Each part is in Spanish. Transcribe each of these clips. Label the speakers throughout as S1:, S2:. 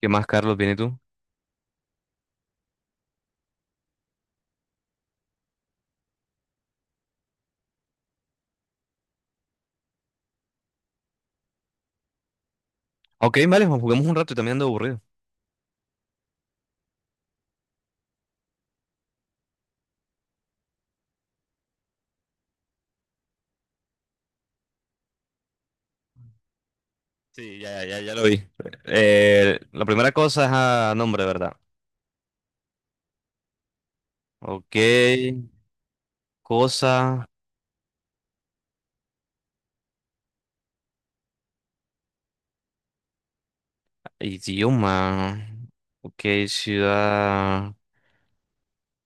S1: ¿Qué más, Carlos? ¿Viene tú? Ok, vale, jugamos un rato y también ando aburrido. Sí, ya, ya, ya lo vi. La primera cosa es a nombre, ¿verdad? Ok, cosa, idioma. Ok, ciudad.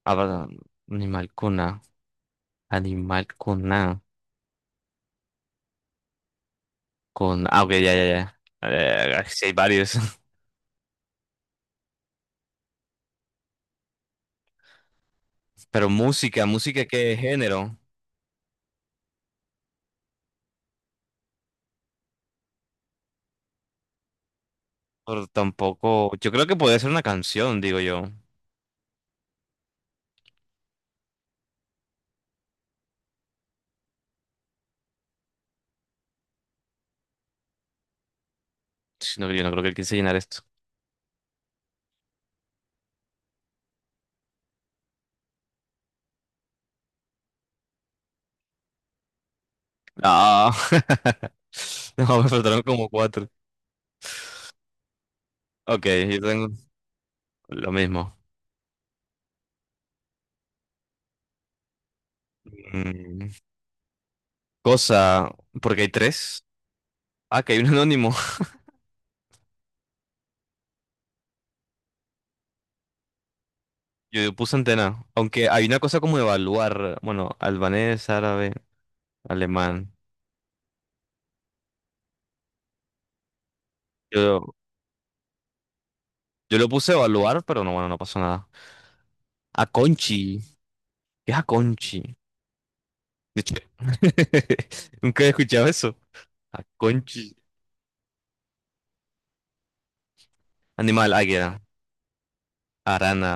S1: Ah, perdón, animal con A. Animal con A. Con ah, ok, ya, ya, ya. Sí, hay varios. Pero música, ¿qué género? Pero tampoco. Yo creo que podría ser una canción, digo yo. Sí, no, yo no creo que él quise llenar esto. No. No, me faltaron como cuatro. Ok, yo tengo lo mismo. Mm, cosa, porque hay tres. Ah, que hay un anónimo. Yo puse antena. Aunque hay una cosa como evaluar. Bueno, albanés, árabe, alemán. Yo, yo lo puse evaluar, pero no, bueno, no pasó nada. Aconchi. ¿Qué es Aconchi? De hecho, nunca he escuchado eso. Aconchi. Animal, águila, arana.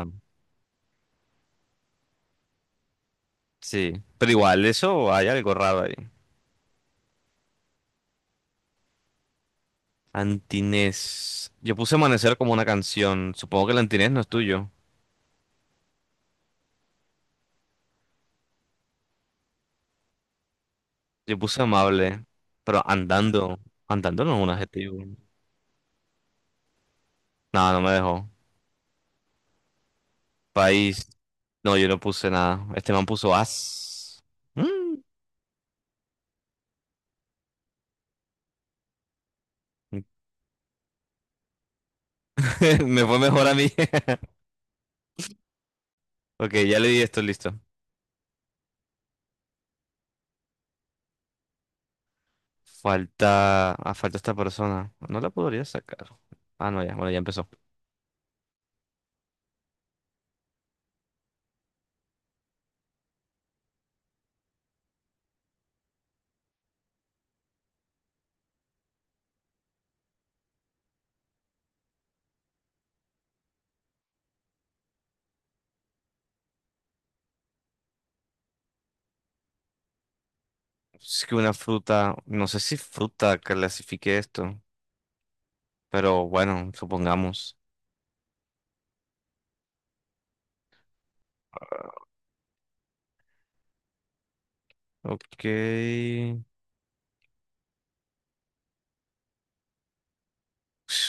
S1: Sí. Pero igual, eso hay algo raro ahí. Antinés. Yo puse amanecer como una canción. Supongo que el antinés no es tuyo. Yo puse amable, pero andando. Andando no es un adjetivo. No, no me dejó. País. No, yo no puse nada. Este man puso as. Mm. Me fue mejor a mí. Ok, ya le di esto, listo. Falta. Ah, falta esta persona. No la podría sacar. Ah, no, ya. Bueno, ya empezó. Es que una fruta. No sé si fruta clasifique esto. Pero bueno, supongamos. Ok. Es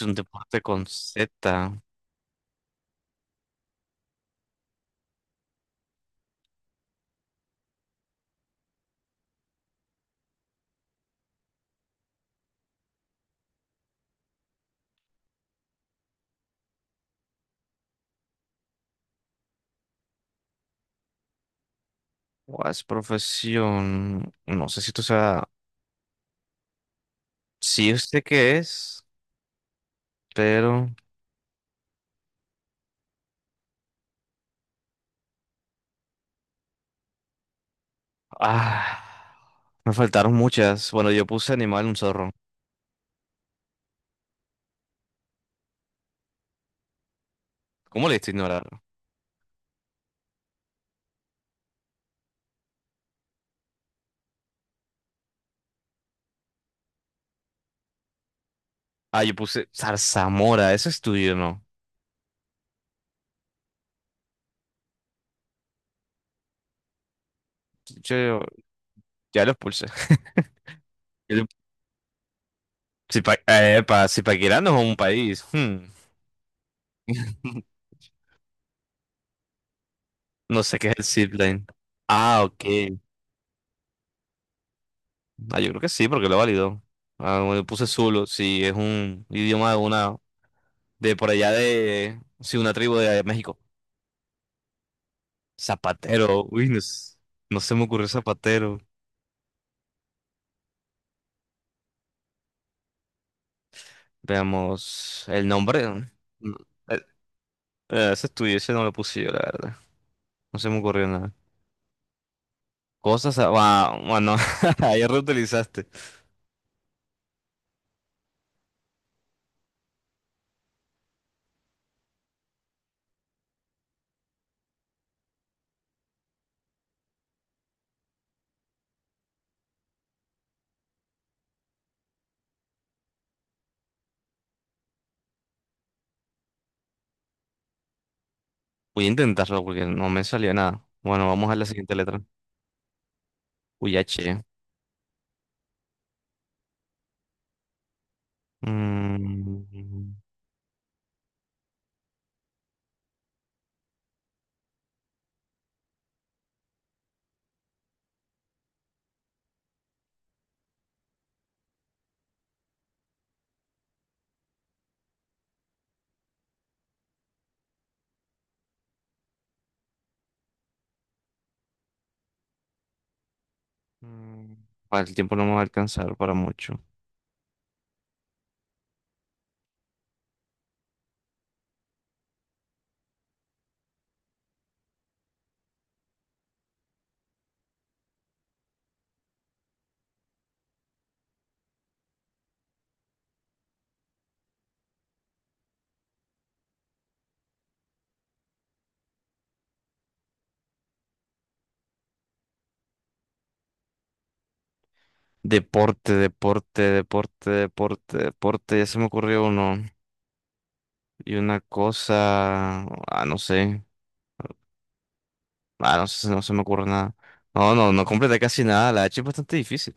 S1: un deporte con Z. ¿Cuál es profesión? No sé si tú sabes. Sí, usted qué es, pero. Ah, me faltaron muchas. Bueno, yo puse animal, un zorro. ¿Cómo le diste a ignorar? Ah, yo puse zarzamora. Eso es tuyo, ¿no? Yo ya lo puse. Zipa, pa Zipaquirá no es un país. Hmm. No sé qué es el zipline. Ah, ok. Ah, yo creo que sí, porque lo válido. Ah, bueno, yo puse Zulu, si es un idioma de una, de por allá de, sí, una tribu de México. Zapatero, uy, no, no se me ocurrió Zapatero. Veamos, el nombre, ¿no? Mm, eh, Ese estudio, ese no lo puse yo, la verdad. No se me ocurrió nada. Cosas, bueno, ayer reutilizaste. Voy a intentarlo porque no me salió nada. Bueno, vamos a la siguiente letra. Uy, H. Mm, mm, mm. Ah, el tiempo no me va a alcanzar para mucho. Deporte, deporte, deporte, deporte, deporte. Ya se me ocurrió uno. Y una cosa. Ah, no sé. Ah, no sé, no se me ocurre nada. No, no, no completé casi nada. La H es bastante difícil.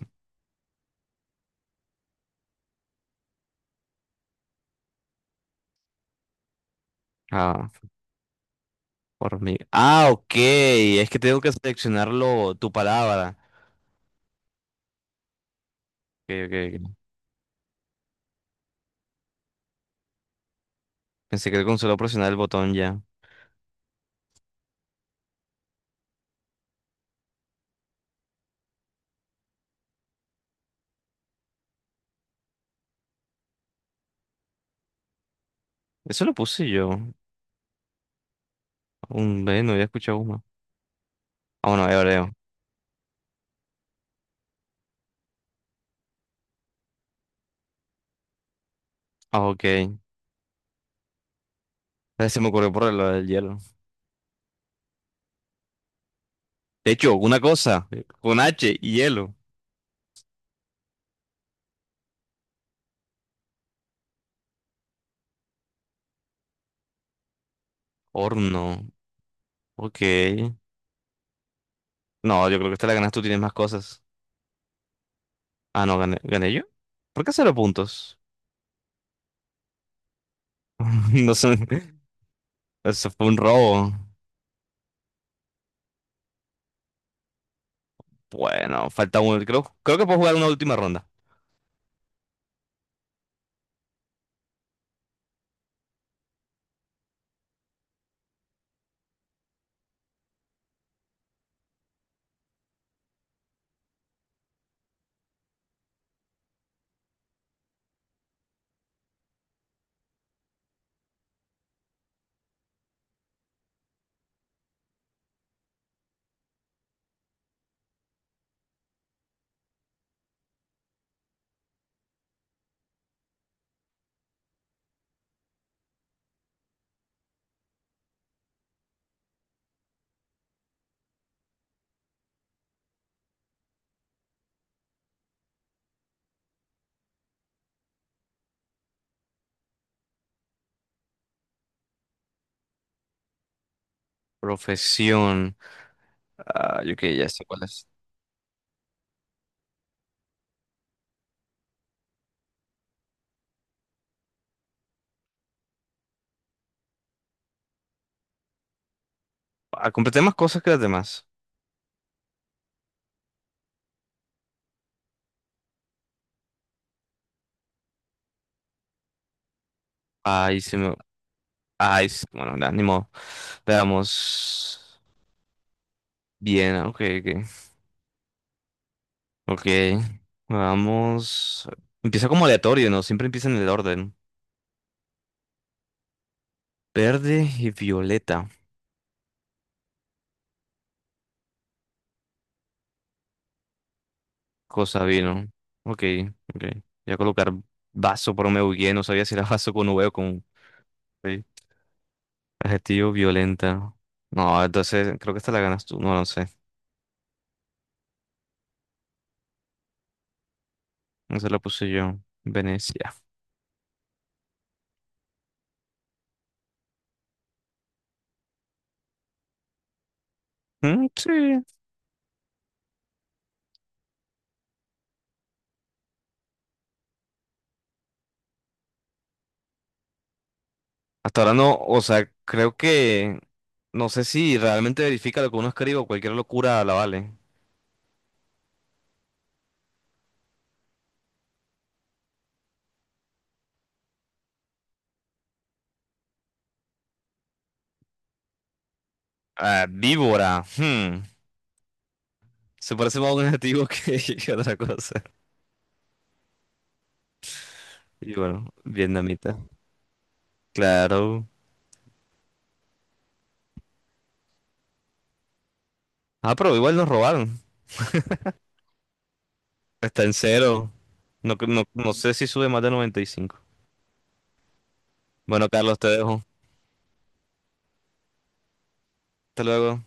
S1: Ah, por mí. Ah, ok. Es que tengo que seleccionarlo, tu palabra. Que Pensé que con solo presionar el botón ya. Eso lo puse yo. Un B, no había escuchado uno. Ah, bueno, hebreo. Ah, ok. Se me ocurrió por lo del hielo. De hecho, una cosa. Con H y hielo. Horno. Ok. No, yo creo que esta la ganas tú, tienes más cosas. Ah, no, gané, ¿gané yo? ¿Por qué cero puntos? No sé, eso fue un robo. Bueno, falta uno. Creo que puedo jugar una última ronda. Profesión. Ah, yo que ya sé cuál es. Ah, completé más cosas que las demás. Ay, se me... Ay, se- bueno, nada, ni modo. Veamos. Bien, ah, ok, ok. Ok. Vamos. Empieza como aleatorio, ¿no? Siempre empieza en el orden. Verde y violeta. Cosa vino. Ok, ok. Voy a colocar vaso, pero me bugueé. No sabía si era vaso con V o con V. Adjetivo violenta. No, entonces creo que esta la ganas tú. No, no sé. No se la puse yo. Venecia. Mm, sí. Hasta ahora no. O sea, creo que. No sé si realmente verifica lo que uno escribe o cualquier locura la vale. Ah, víbora, hmm. Se parece más a un adjetivo que, que otra cosa. Y bueno, vietnamita. Claro. Ah, pero igual nos robaron. Está en cero. No, no, no sé si sube más de 95. Bueno, Carlos, te dejo. Hasta luego.